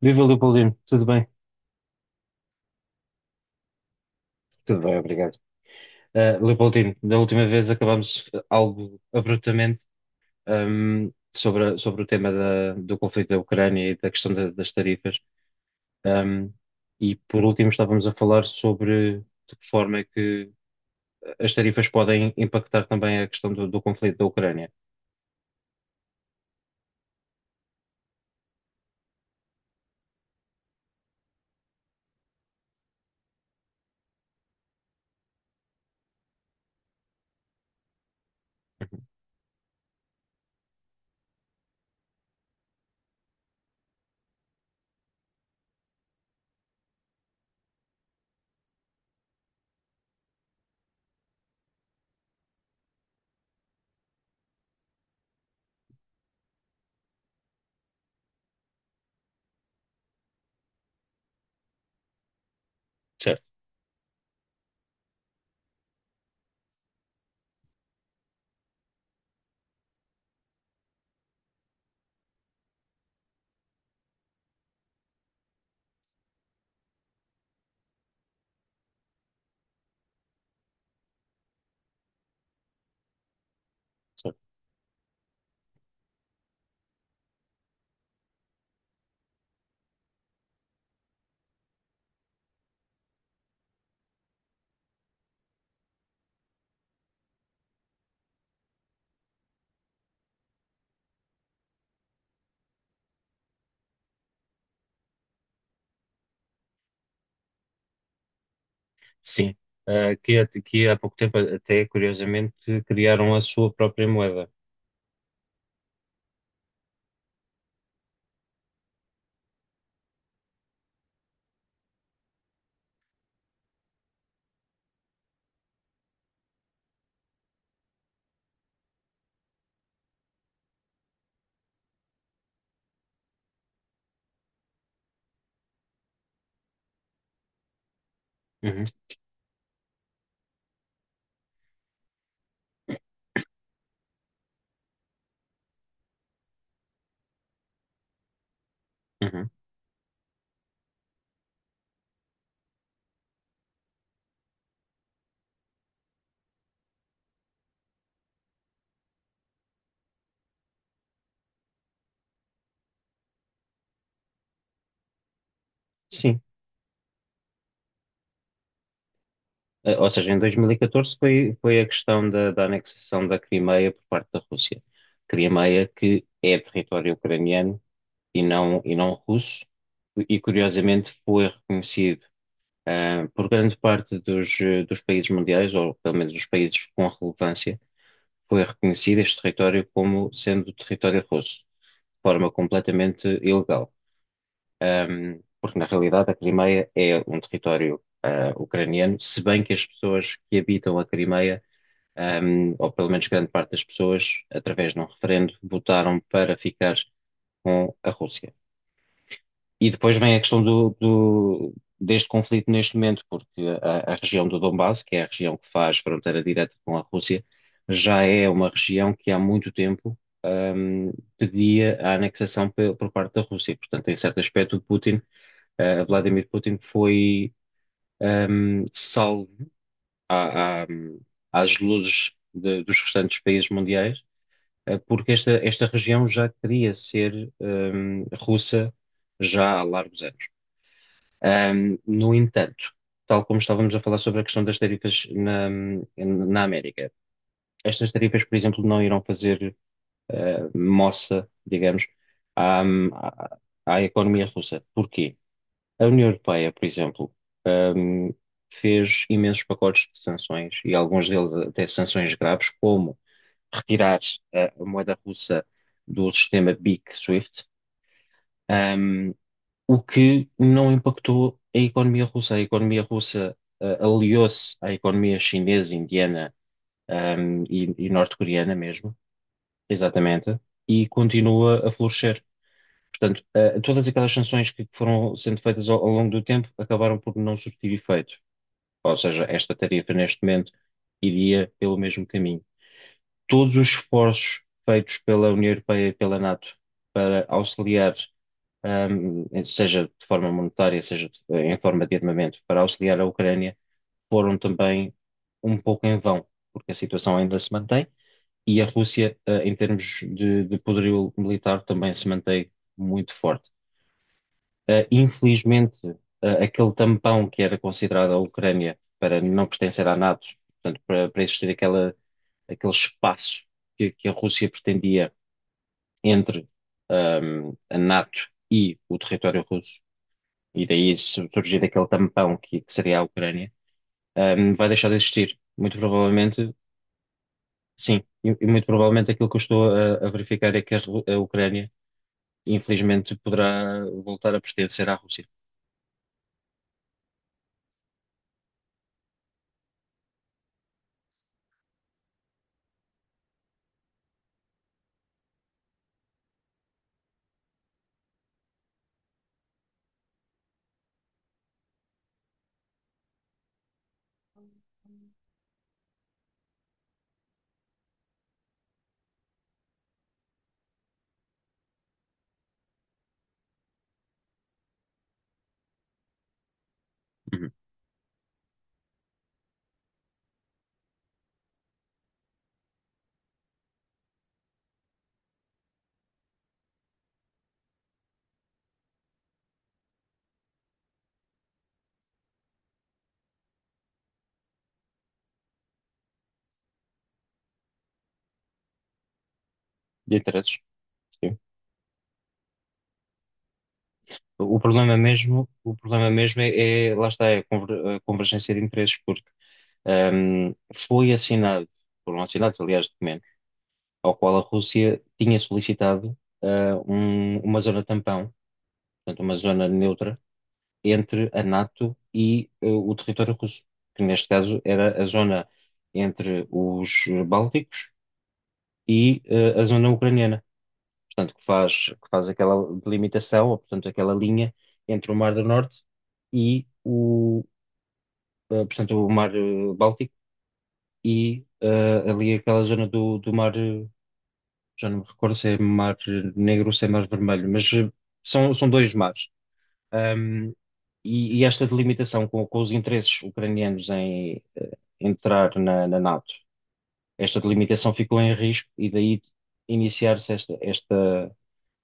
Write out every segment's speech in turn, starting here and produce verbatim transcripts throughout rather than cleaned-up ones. Viva Leopoldino, tudo bem? Tudo bem, obrigado. Uh, Leopoldino, da última vez acabámos eh, algo abruptamente um, sobre, a- sobre o tema da- do conflito da Ucrânia e da questão da- das tarifas. Um, e por último estávamos a falar sobre de que forma é que as tarifas podem impactar também a questão do, do conflito da Ucrânia. Certo, certo. Sim. Uh, que, há- que há pouco tempo até, curiosamente, criaram a sua própria moeda. Uhum, uhum. Sim. Eh, Ou seja, em dois mil e catorze foi, foi a questão da, da anexação da Crimeia por parte da Rússia. Crimeia que é território ucraniano e não, e não russo, e curiosamente foi reconhecido ah, por grande parte dos, eh, dos países mundiais, ou pelo menos dos países com relevância, foi reconhecido este território como sendo território russo, de forma completamente ilegal. Ahm, porque na realidade a Crimeia é um território ah, ucraniano, se bem que as pessoas que habitam a Crimeia um, ou pelo menos grande parte das pessoas, através de um referendo, votaram para ficar com a Rússia. E depois vem a questão do, do- deste conflito neste momento, porque a, a região do Donbass, que é a região que faz fronteira direta com a Rússia, já é uma região que há muito tempo, um, pedia a anexação pe- por parte da Rússia. Portanto, em certo aspecto, o Putin, eh, Vladimir Putin foi, um, salvo à- à- às luzes de- dos restantes países mundiais, eh, porque esta, esta região já queria ser hum, russa já há largos anos. Hum, no entanto, tal como estávamos a falar sobre a questão das tarifas na, na América, estas tarifas, por exemplo, não irão fazer eh, moça, digamos, à, à- à economia russa. Porquê? A União Europeia, por exemplo, hum, fez imensos pacotes de sanções e alguns deles até sanções graves, como retirar a, a moeda russa do sistema B I C Swift, ahm, o que não impactou a economia russa. A economia russa, ah, aliou-se à economia chinesa, indiana, ahm, e, e norte-coreana mesmo, exatamente, e continua a florescer. Portanto, ah, todas aquelas sanções que foram sendo feitas ao, ao longo do tempo acabaram por não surtir efeito. Ou seja, esta tarifa neste momento iria pelo mesmo caminho. Todos os esforços feitos pela União Europeia e pela NATO para auxiliar, ahm, seja de forma monetária, seja de- em forma de armamento, para auxiliar a Ucrânia, foram também um pouco em vão, porque a situação ainda se mantém e a Rússia, ah, em termos de, de poderio militar, também se mantém muito forte. Ah, infelizmente, ah, aquele tampão que era considerado a Ucrânia para não pertencer à NATO, portanto, para, para existir aquela, aquele espaço que, que a Rússia pretendia entre um, a NATO e o território russo, e daí su- surgir aquele tampão que, que seria a Ucrânia, um, vai deixar de existir. Muito provavelmente, sim, e, e muito provavelmente aquilo que eu estou a, a verificar é que a, Ru- a Ucrânia, infelizmente, poderá voltar a pertencer à Rússia. Uhum. De interesses. Sim. O problema mesmo, o problema mesmo é, é- lá está, é a conver- a convergência de interesses, porque um, foi assinado, foram assinados, aliás, documentos ao qual a Rússia tinha solicitado ah, um- uma zona tampão, portanto, uma zona neutra entre a NATO e eh, o território russo, que neste caso era a zona entre os Bálticos e eh, a zona ucraniana, portanto, que faz, que faz aquela delimitação, ou portanto, aquela linha entre o Mar do Norte e o, eh, portanto, o Mar eh, Báltico e eh, ali aquela zona do, do Mar. Já não me recordo se é mar negro ou se é mar vermelho, mas eh, são, são dois mares. Ahm, e, e esta delimitação com, com os interesses ucranianos em eh, entrar na, na NATO, esta delimitação ficou em risco e daí iniciar-se esta, esta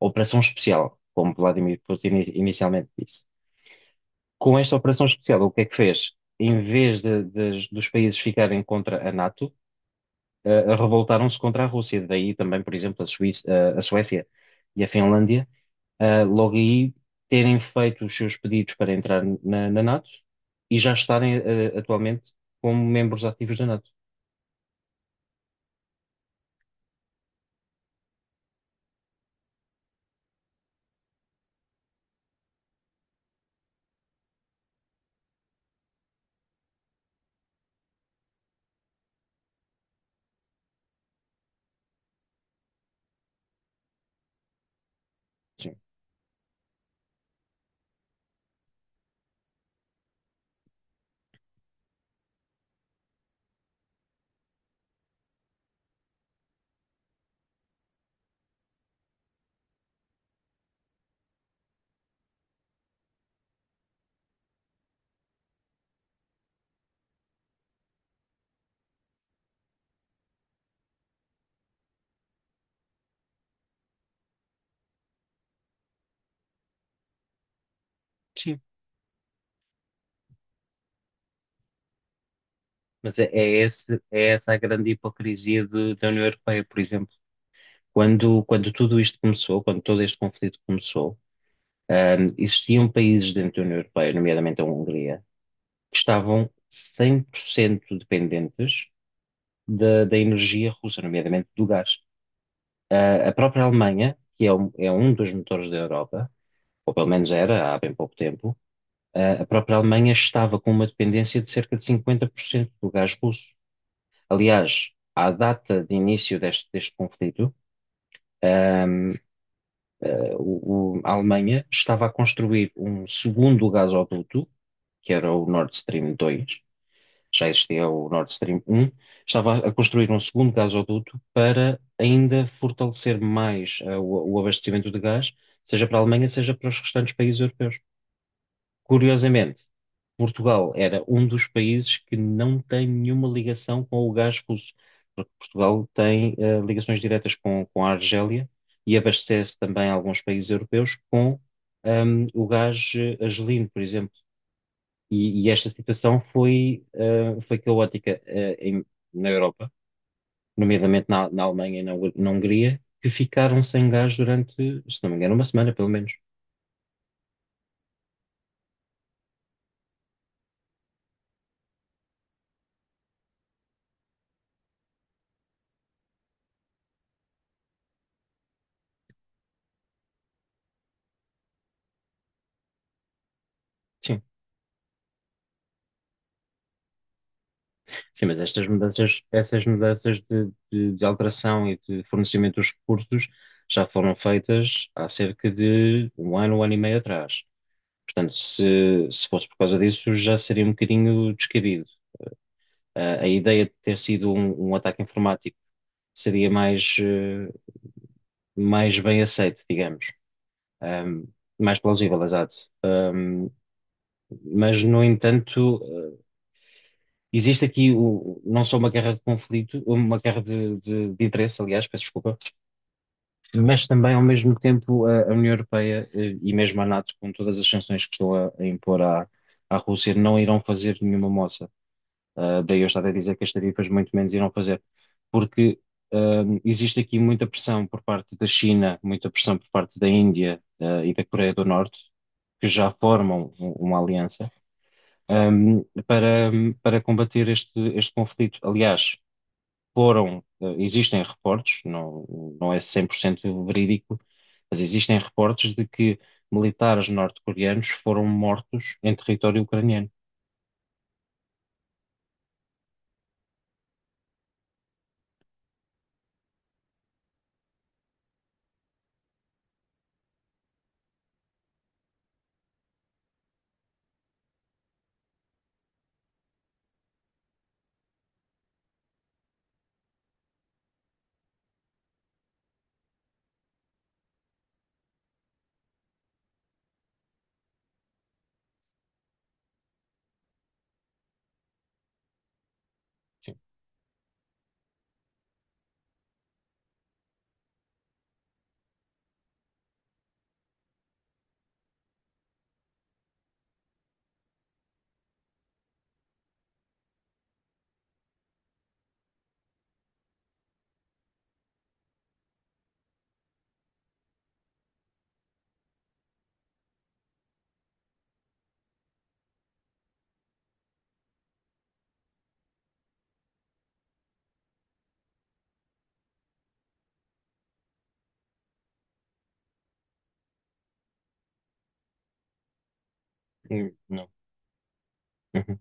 operação especial, como Vladimir Putin ini- inicialmente disse. Com esta operação especial, o que é que fez? Em vez de- das- dos países ficarem contra a NATO, eh, revoltaram-se contra a Rússia. Daí também, por exemplo, a Suíça, eh, a Suécia e a Finlândia, eh, logo aí terem feito os seus pedidos para entrar na, na NATO e já estarem, eh, atualmente como membros ativos da NATO. Sim. Sim. Mas é, é esse- é essa a grande hipocrisia de- da União Europeia, por exemplo. Quando, quando tudo isto começou, quando todo este conflito começou, ahm, existiam países dentro da União Europeia, nomeadamente a Hungria, que estavam cem por cento dependentes da, da energia russa, nomeadamente do gás. Ah, a própria Alemanha, que é um, é um dos motores da Europa, ou pelo menos era há bem pouco tempo, ah, a própria Alemanha estava com uma dependência de cerca de cinquenta por cento do gás russo. Aliás, à data de início deste, deste conflito, ahm, ah, o- o- a Alemanha estava a construir um segundo gasoduto, que era o Nord Stream dois já existia o Nord Stream um, estava a construir um segundo gasoduto para ainda fortalecer mais eh, o, o abastecimento de gás, seja para a Alemanha, seja para os restantes países europeus. Curiosamente, Portugal era um dos países que não tem nenhuma ligação com o gás russo, porque Portugal tem eh, ligações diretas com, com a Argélia e abastece também alguns países europeus com ehm, o gás eh, argelino, por exemplo. E, e esta situação foi, eh, foi caótica, eh, em- na Europa, nomeadamente na, na Alemanha e na, Hu- na Hungria, que ficaram sem gás durante, se não me engano, uma semana, pelo menos. Sim, sim, mas estas mudanças, essas mudanças de, de, de alteração e de fornecimento dos recursos já foram feitas há cerca de um ano, um ano e meio atrás. Portanto, se, se fosse por causa disso, já seria um bocadinho descabido. A a ideia de ter sido um, um ataque informático seria mais, eh, mais bem aceito, digamos. Ahm, Mais plausível, exato. Ahm, mas, no entanto, eh, existe aqui o- não só uma guerra de conflito, uma guerra de, de, de interesse, aliás, peço desculpa, mas também, ao mesmo tempo, a, a União Europeia eh, e mesmo a NATO, com todas as sanções que estão a, a impor à, à Rússia, não irão fazer nenhuma moça. Ah, daí eu estava a dizer que as tarifas muito menos irão fazer, porque ah, existe aqui muita pressão por parte da China, muita pressão por parte da Índia, ah, e da Coreia do Norte, que já formam um- uma aliança, ahm, para, para combater este, este conflito. Aliás, foram, ah, existem reportes, não, não é cem por cento verídico, mas existem reportes de que militares norte-coreanos foram mortos em território ucraniano. Sim. Hum, não. Uhum.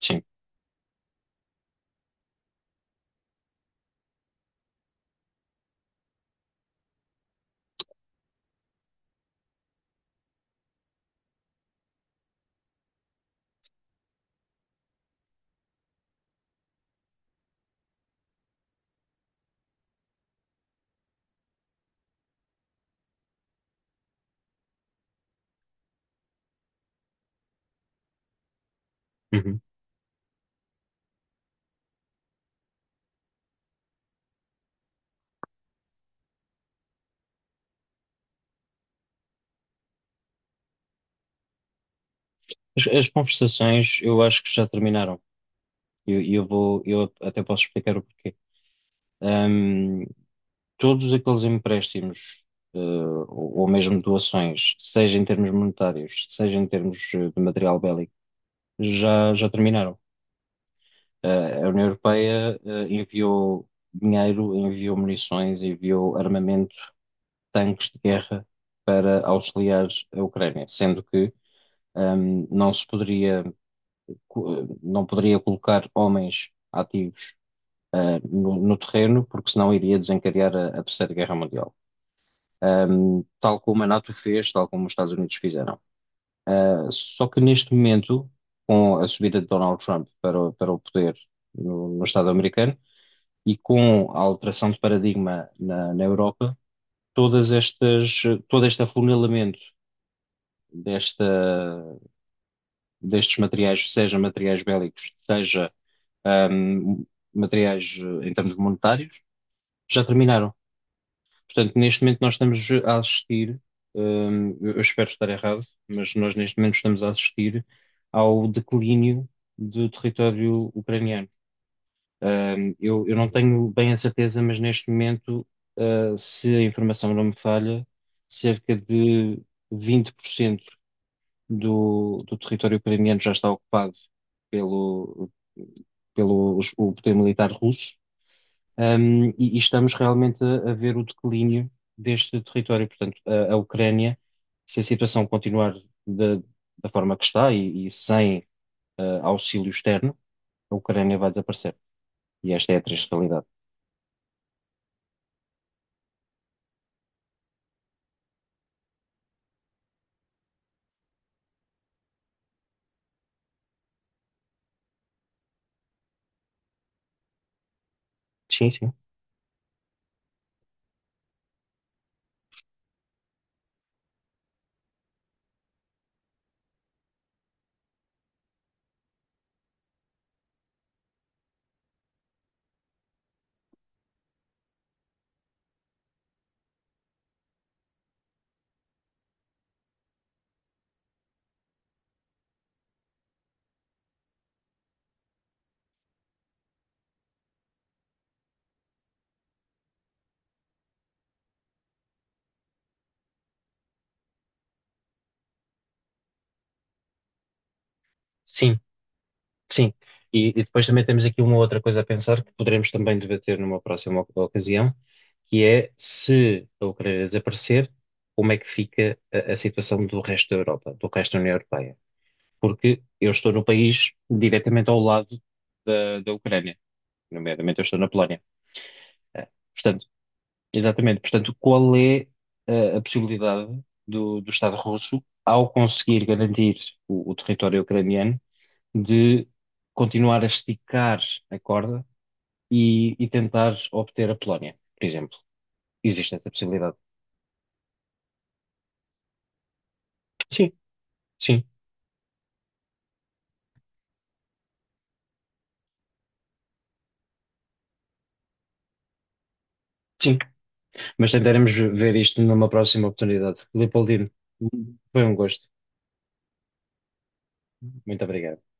Sim. Uhum. As, as conversações eu acho que já terminaram. E eu, e eu vou, eu até posso explicar o porquê. Ahm, Todos aqueles empréstimos, eh, ou, ou mesmo doações, seja em termos monetários, seja em termos eh, de material bélico, já, já terminaram. Eh, a União Europeia, eh, enviou dinheiro, enviou munições, enviou armamento, tanques de guerra para auxiliar a Ucrânia, sendo que, ahm, não se poderia co- não poderia colocar homens ativos eh, no, no terreno, porque senão iria desencadear a, a Terceira Guerra Mundial. Ahm, tal como a NATO fez, tal como os Estados Unidos fizeram. Ah, só que neste momento, com a subida de Donald Trump para, o- para o poder no, no Estado americano e com a alteração de paradigma na, na Europa, todas estas, todo este afunilamento desta, destes materiais, seja materiais bélicos, seja ahm, materiais eh, em termos monetários, já terminaram. Portanto, neste momento nós estamos a assistir, ahm, eu eu espero estar errado, mas nós neste momento estamos a assistir ao declínio do território ucraniano. Ahm, eu, eu não tenho bem a certeza, mas neste momento, ah, se a informação não me falha, cerca de vinte por cento do, do território ucraniano já está ocupado pelo, pelo o poder militar russo. Um, e, e estamos realmente a, a ver o declínio deste território. Portanto, a, a Ucrânia, se a situação continuar da, da forma que está e, e sem eh, auxílio externo, a Ucrânia vai desaparecer. E esta é a triste realidade. Sim, sim. Sim, sim. E, e depois também temos aqui uma outra coisa a pensar que poderemos também debater numa próxima oc- ocasião, que é se a Ucrânia desaparecer, como é que fica a, a situação do resto da Europa, do resto da União Europeia? Porque eu estou no país diretamente ao lado da, da Ucrânia, nomeadamente eu estou na Polónia. Eh, Portanto, exatamente, portanto, qual é eh, a possibilidade do, do Estado russo, ao conseguir garantir o, o território ucraniano, de continuar a esticar a corda e, e tentar obter a Polónia, por exemplo? Existe essa possibilidade? Sim, sim, sim. Mas tentaremos ver isto numa próxima oportunidade. Leopoldino, foi um gosto. Muito obrigado.